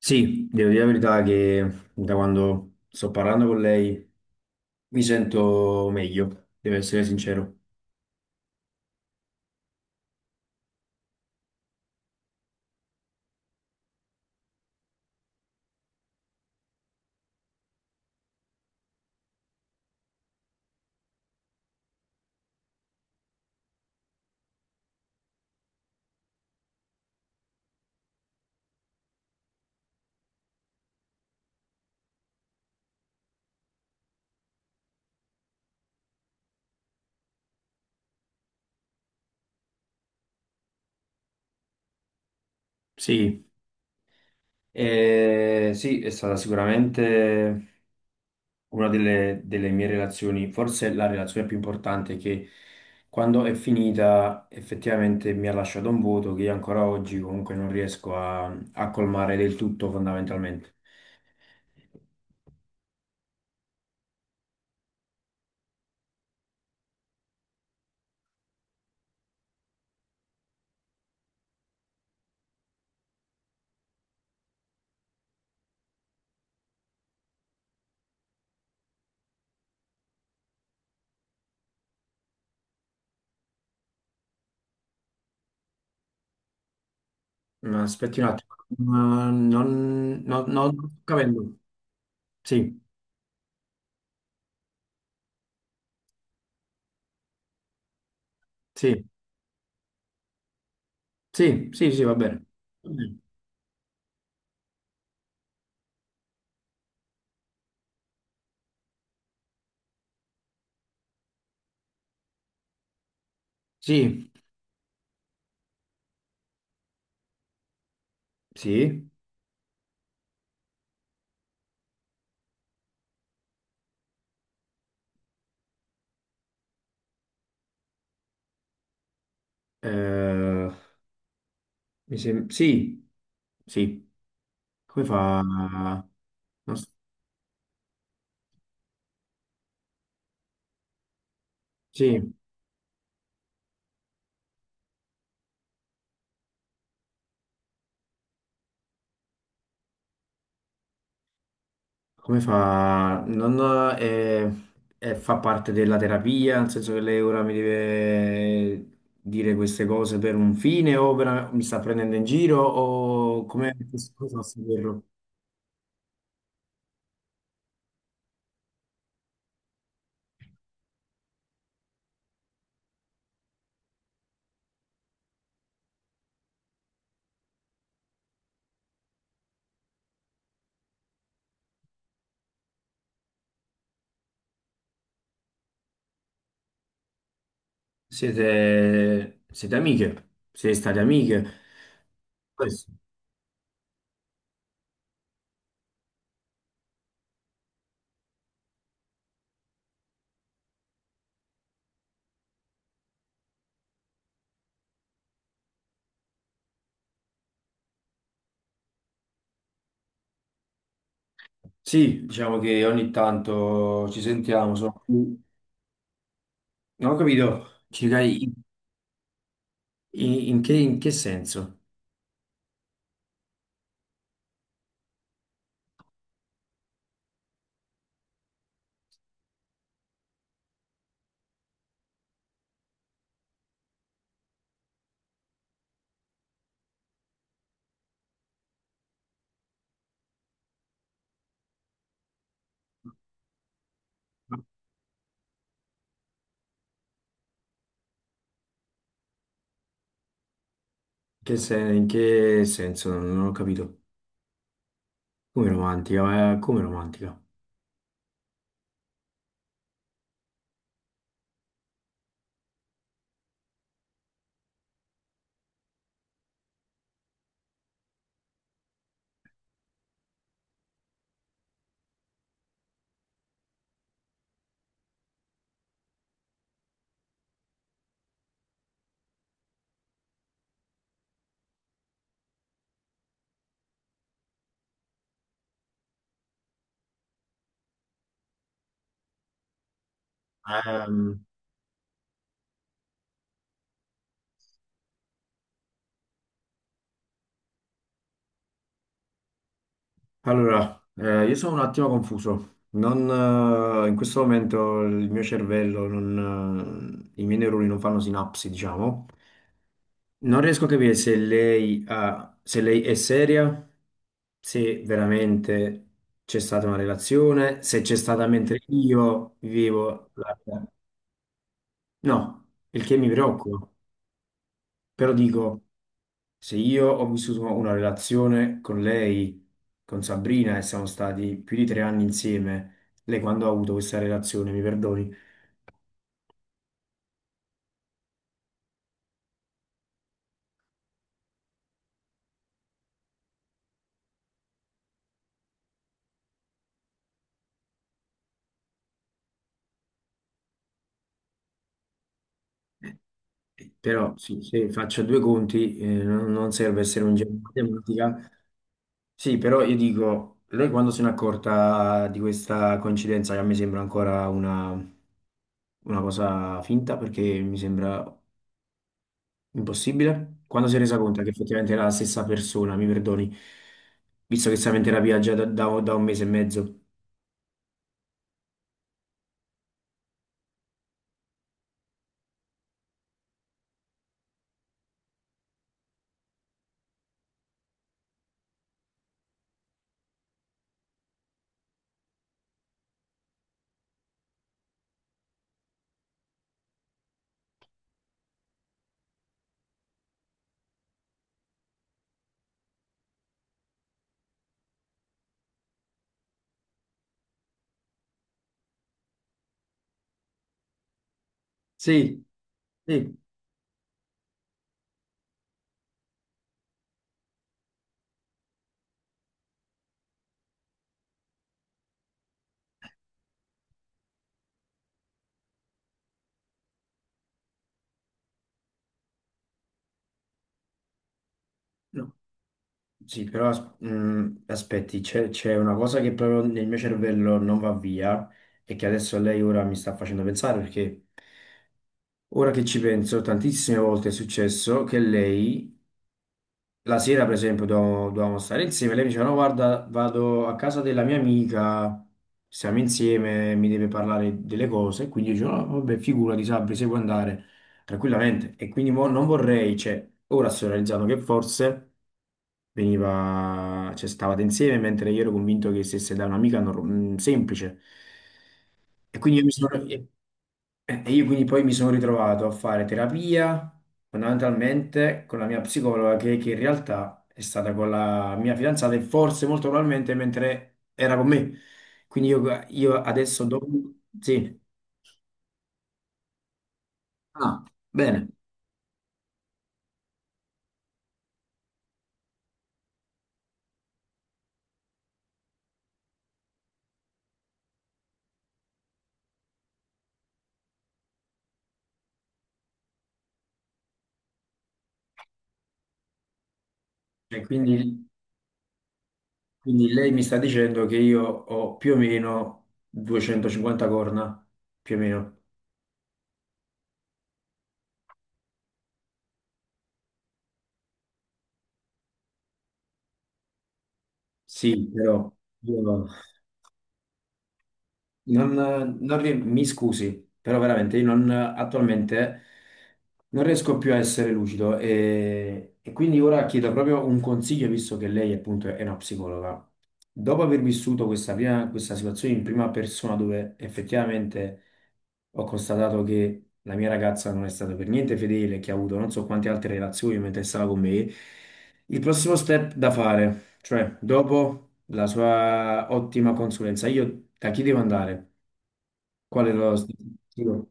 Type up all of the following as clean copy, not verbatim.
Sì, devo dire la verità che da quando sto parlando con lei mi sento meglio, devo essere sincero. Sì, sì, è stata sicuramente una delle mie relazioni, forse la relazione più importante che, quando è finita, effettivamente mi ha lasciato un vuoto che io ancora oggi comunque non riesco a colmare del tutto fondamentalmente. Ma aspetti un attimo, ma non sto capendo. Sì, sì. Sì, sì, sì, va bene. Va bene. Sì, sì, eh, sì, sì. Come fa? Non s- Sì, come fa? Non, eh, fa parte della terapia, nel senso che lei ora mi deve dire queste cose per un fine o mi sta prendendo in giro o come come fa a saperlo? Siete amiche? Siete state amiche? Sì, diciamo che ogni tanto ci sentiamo, sono non ho capito, in che senso? In in che senso? Non ho capito. Come romantica, ma come romantica? Allora, io sono un attimo confuso. Non, In questo momento il mio cervello, non, i miei neuroni non fanno sinapsi, diciamo. Non riesco a capire se lei, se lei è seria, se veramente c'è stata una relazione, se c'è stata mentre io vivevo la... No, il che mi preoccupa. Però dico, se io ho vissuto una relazione con lei, con Sabrina, e siamo stati più di tre anni insieme, lei quando ha avuto questa relazione, mi perdoni, però sì, se faccio due conti, non serve essere un genio di matematica. Sì, però io dico, lei quando se n'è accorta di questa coincidenza, che a me sembra ancora una cosa finta, perché mi sembra impossibile? Quando si è resa conto che effettivamente era la stessa persona, mi perdoni, visto che stava in terapia già da un mese e mezzo. Sì, sì. No. Sì, però aspetti, c'è una cosa che proprio nel mio cervello non va via e che adesso lei ora mi sta facendo pensare, perché ora che ci penso, tantissime volte è successo che lei la sera, per esempio, dovevamo stare insieme. Lei mi diceva: "No, guarda, vado a casa della mia amica, siamo insieme, mi deve parlare delle cose." Quindi io dicevo: "No, vabbè, figurati, Sabri, se vuoi andare tranquillamente." E quindi mo non vorrei, cioè, ora sto realizzando che forse veniva, cioè, stavate insieme, mentre io ero convinto che stesse da un'amica semplice. E quindi io mi sono. E io quindi poi mi sono ritrovato a fare terapia fondamentalmente con la mia psicologa che in realtà è stata con la mia fidanzata e forse molto probabilmente mentre era con me. Quindi io adesso dopo... Sì. Ah, bene. E quindi, quindi lei mi sta dicendo che io ho più o meno 250 corna, più o meno. Sì, però... io no. Non, non rie- mi scusi, però veramente io non, attualmente non riesco più a essere lucido e quindi ora chiedo proprio un consiglio, visto che lei appunto è una psicologa. Dopo aver vissuto questa, prima, questa situazione in prima persona dove effettivamente ho constatato che la mia ragazza non è stata per niente fedele, che ha avuto non so quante altre relazioni mentre stava con me, il prossimo step da fare. Cioè, dopo la sua ottima consulenza, io da chi devo andare? Qual è lo statistico?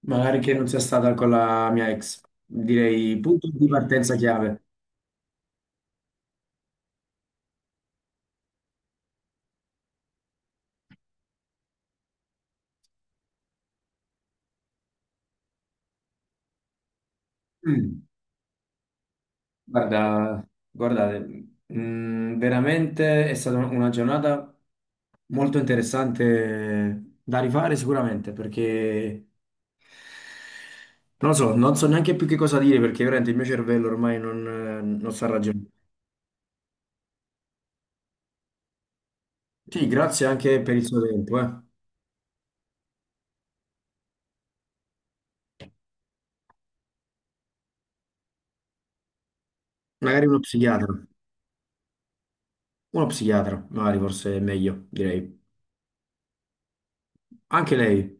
Magari che non sia stata con la mia ex. Direi punto di partenza chiave. Mm. Guarda, guardate, mm, veramente è stata una giornata molto interessante da rifare sicuramente, perché non lo so, non so neanche più che cosa dire, perché veramente il mio cervello ormai non sta ragionando. Sì, grazie anche per il suo tempo, eh. Magari uno psichiatra, magari forse è meglio, direi. Anche lei.